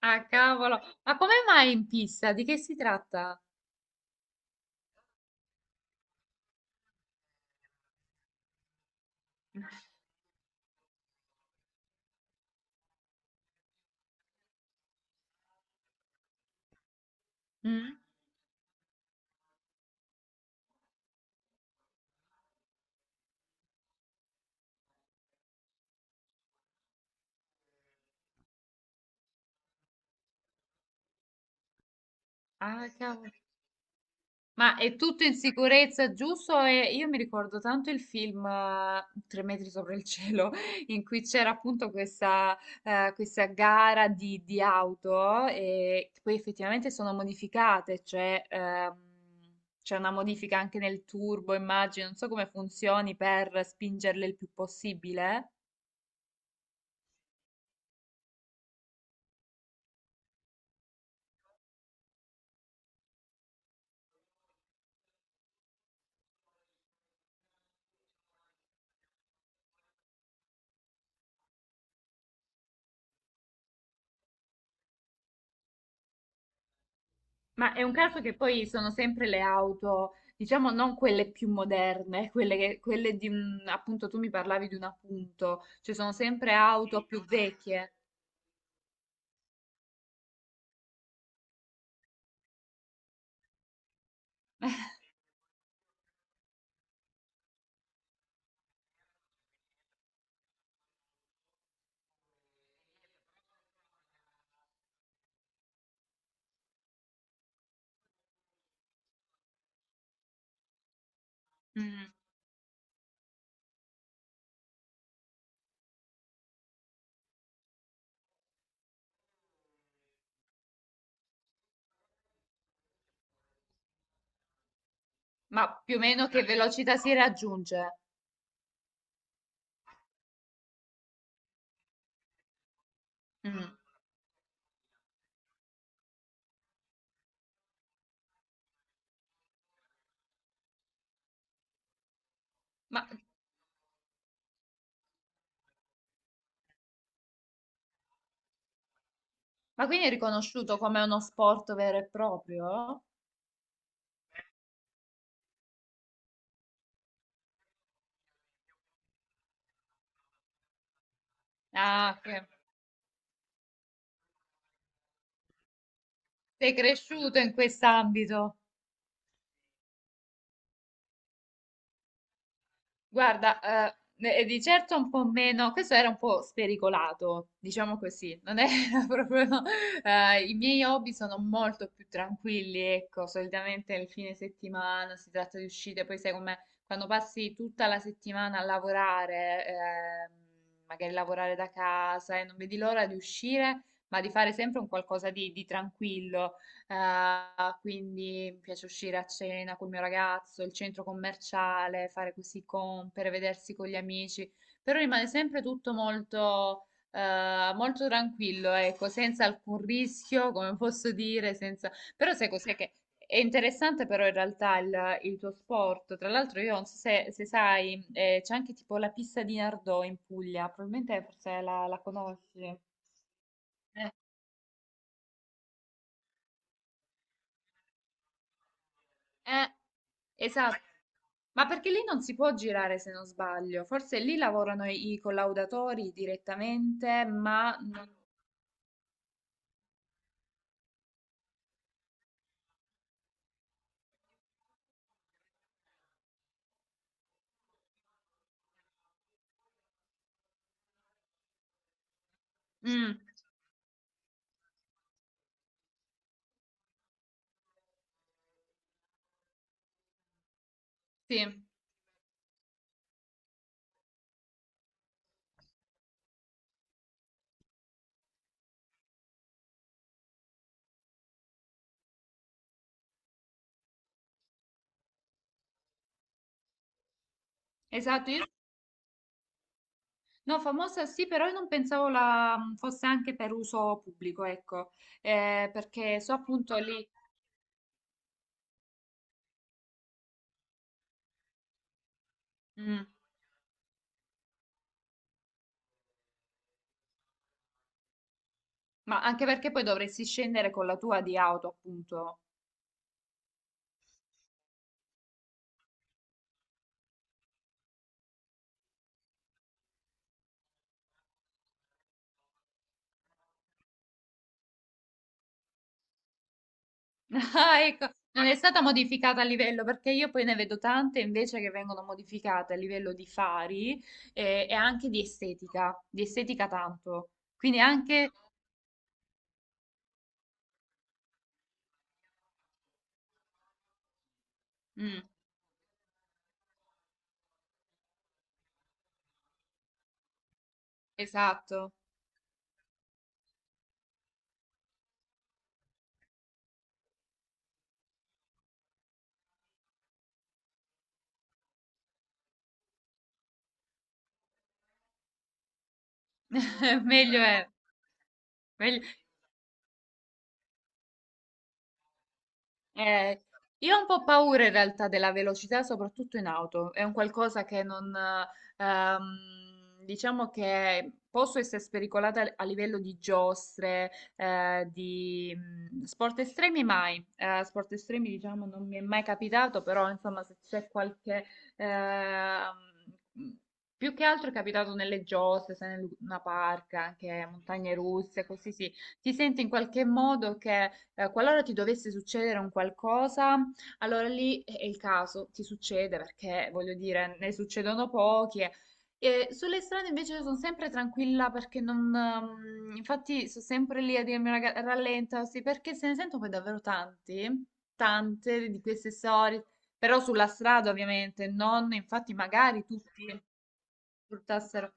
Ah, cavolo! Ma come mai in pista? Di che si tratta? Mm? Ah, cavolo. Ma è tutto in sicurezza, giusto? E io mi ricordo tanto il film Tre metri sopra il cielo, in cui c'era appunto questa gara di auto e che poi effettivamente sono modificate, cioè c'è una modifica anche nel turbo, immagino, non so come funzioni per spingerle il più possibile. Ma è un caso che poi sono sempre le auto, diciamo non quelle più moderne, quelle, che, quelle di un, appunto tu mi parlavi di un appunto, cioè sono sempre auto più vecchie. Mm. Ma più o meno che velocità si raggiunge? Mm. Ma, ma quindi è riconosciuto come uno sport vero e proprio? Ah, che sei cresciuto in quest'ambito. Guarda, eh, e di certo un po' meno, questo era un po' spericolato, diciamo così, non era proprio. I miei hobby sono molto più tranquilli, ecco, solitamente il fine settimana si tratta di uscite, poi sai com'è, quando passi tutta la settimana a lavorare, magari lavorare da casa e non vedi l'ora di uscire, ma di fare sempre un qualcosa di tranquillo. Quindi mi piace uscire a cena col mio ragazzo, il centro commerciale, fare così compere, vedersi con gli amici, però rimane sempre tutto molto tranquillo, ecco, senza alcun rischio, come posso dire, senza... Però sai cos'è che è interessante però in realtà il tuo sport, tra l'altro io non so se, se sai, c'è anche tipo la pista di Nardò in Puglia, probabilmente forse la, la conosci. Eh, Eh, esatto. Ma perché lì non si può girare se non sbaglio? Forse lì lavorano i, i collaudatori direttamente, ma non... Mm, sì, esatto. No, famosa sì, però io non pensavo la, fosse anche per uso pubblico, ecco. Perché so appunto lì... Mm, ma anche perché poi dovresti scendere con la tua di auto, appunto. Ah, ecco, non è stata modificata a livello perché io poi ne vedo tante invece che vengono modificate a livello di fari, e, anche di estetica tanto. Quindi anche... Mm, esatto. Meglio è. Meglio- Eh, io ho un po' paura in realtà della velocità, soprattutto in auto. È un qualcosa che non, diciamo che posso essere spericolata a livello di giostre, di sport estremi mai. Sport estremi, diciamo, non mi è mai capitato, però insomma, se c'è qualche ehm, più che altro è capitato nelle giostre, se in una parca, anche montagne russe, così sì. Ti senti in qualche modo che qualora ti dovesse succedere un qualcosa, allora lì è il caso, ti succede perché voglio dire, ne succedono pochi. E sulle strade invece sono sempre tranquilla perché non, infatti sono sempre lì a dirmi raga, rallenta, sì, perché se ne sento poi davvero tanti, tante di queste storie, però sulla strada ovviamente, non infatti magari tutti portassero...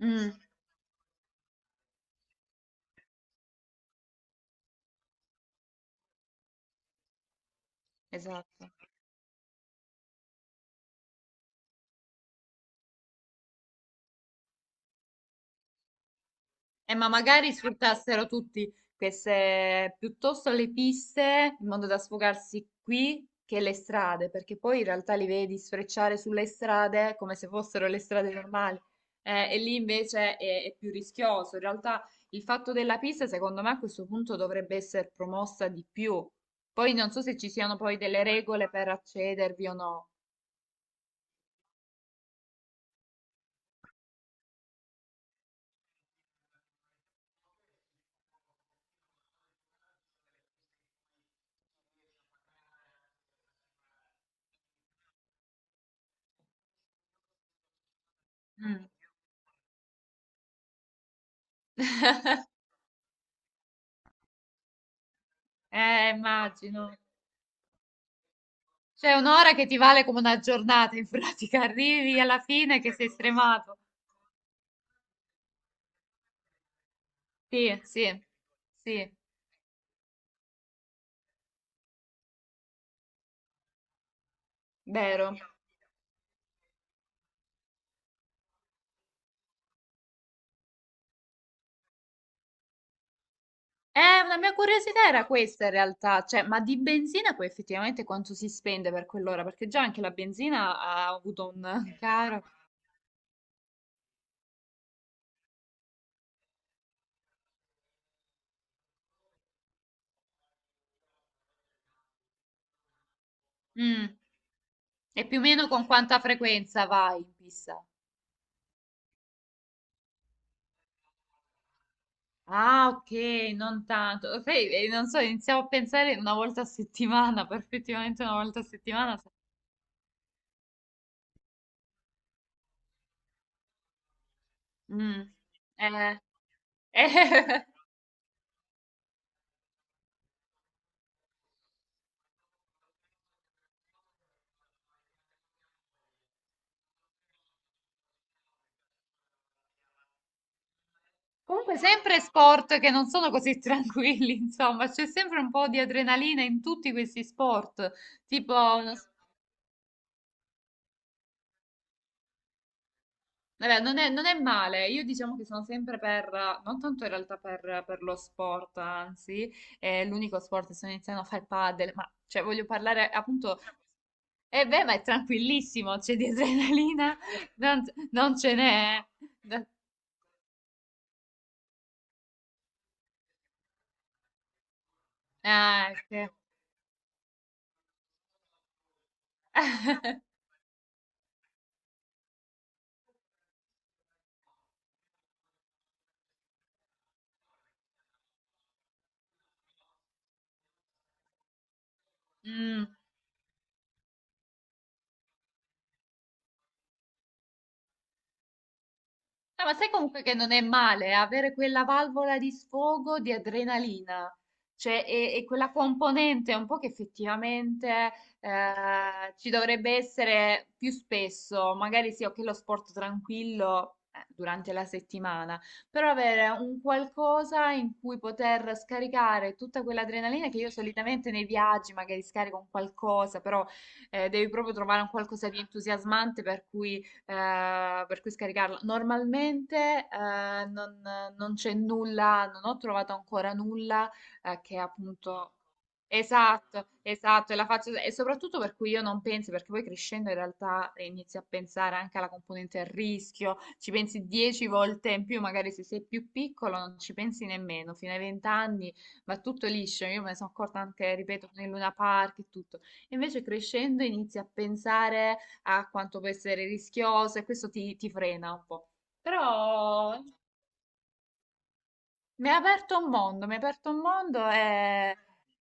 Mm, esatto. Ma magari sfruttassero tutti queste, piuttosto le piste, in modo da sfogarsi qui che le strade, perché poi in realtà li vedi sfrecciare sulle strade come se fossero le strade normali. E lì invece è più rischioso. In realtà il fatto della pista, secondo me, a questo punto dovrebbe essere promossa di più. Poi non so se ci siano poi delle regole per accedervi o no. Mm. Immagino. Cioè, un'ora che ti vale come una giornata, in pratica arrivi alla fine che sei stremato. Sì, sì, sì, vero. Una mia curiosità era questa in realtà, cioè, ma di benzina poi effettivamente quanto si spende per quell'ora? Perché già anche la benzina ha avuto un caro. Mm. E più o meno con quanta frequenza vai in pista? Ah, ok, non tanto. Sai, non so, iniziamo a pensare una volta a settimana, perfettamente una volta a settimana. Mm, eh, eh. Comunque sempre sport che non sono così tranquilli, insomma, c'è sempre un po' di adrenalina in tutti questi sport, tipo, non s- vabbè, non è male, io diciamo che sono sempre per, non tanto in realtà per, lo sport, anzi, è l'unico sport che sto iniziando a fare padel, ma cioè voglio parlare appunto... E beh, ma è tranquillissimo, c'è di adrenalina, non, non ce n'è. eh. Ah, ok. Mm. Ah, ma sai comunque che non è male avere quella valvola di sfogo di adrenalina, cioè e quella componente un po' che effettivamente ci dovrebbe essere più spesso, magari sì, ok, lo sport tranquillo durante la settimana, però avere un qualcosa in cui poter scaricare tutta quell'adrenalina che io solitamente nei viaggi magari scarico un qualcosa, però devi proprio trovare un qualcosa di entusiasmante per cui scaricarla. Normalmente non c'è nulla, non ho trovato ancora nulla che appunto... Esatto, esatto, e, la faccio, e soprattutto per cui io non penso, perché poi crescendo in realtà inizi a pensare anche alla componente del rischio, ci pensi 10 volte in più, magari se sei più piccolo non ci pensi nemmeno, fino ai vent'anni va tutto liscio, io me ne sono accorta anche, ripeto, con il Luna Park e tutto. Invece crescendo inizi a pensare a quanto può essere rischioso e questo ti, ti frena un po'. Però mi ha aperto un mondo, mi ha aperto un mondo e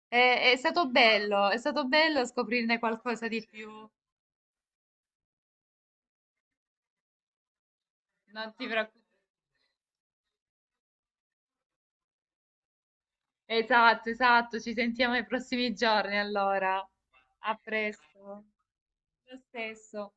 è stato bello scoprirne qualcosa di più. Non ti preoccupare. Esatto, esatto, ci sentiamo nei prossimi giorni allora. A presto. Lo stesso.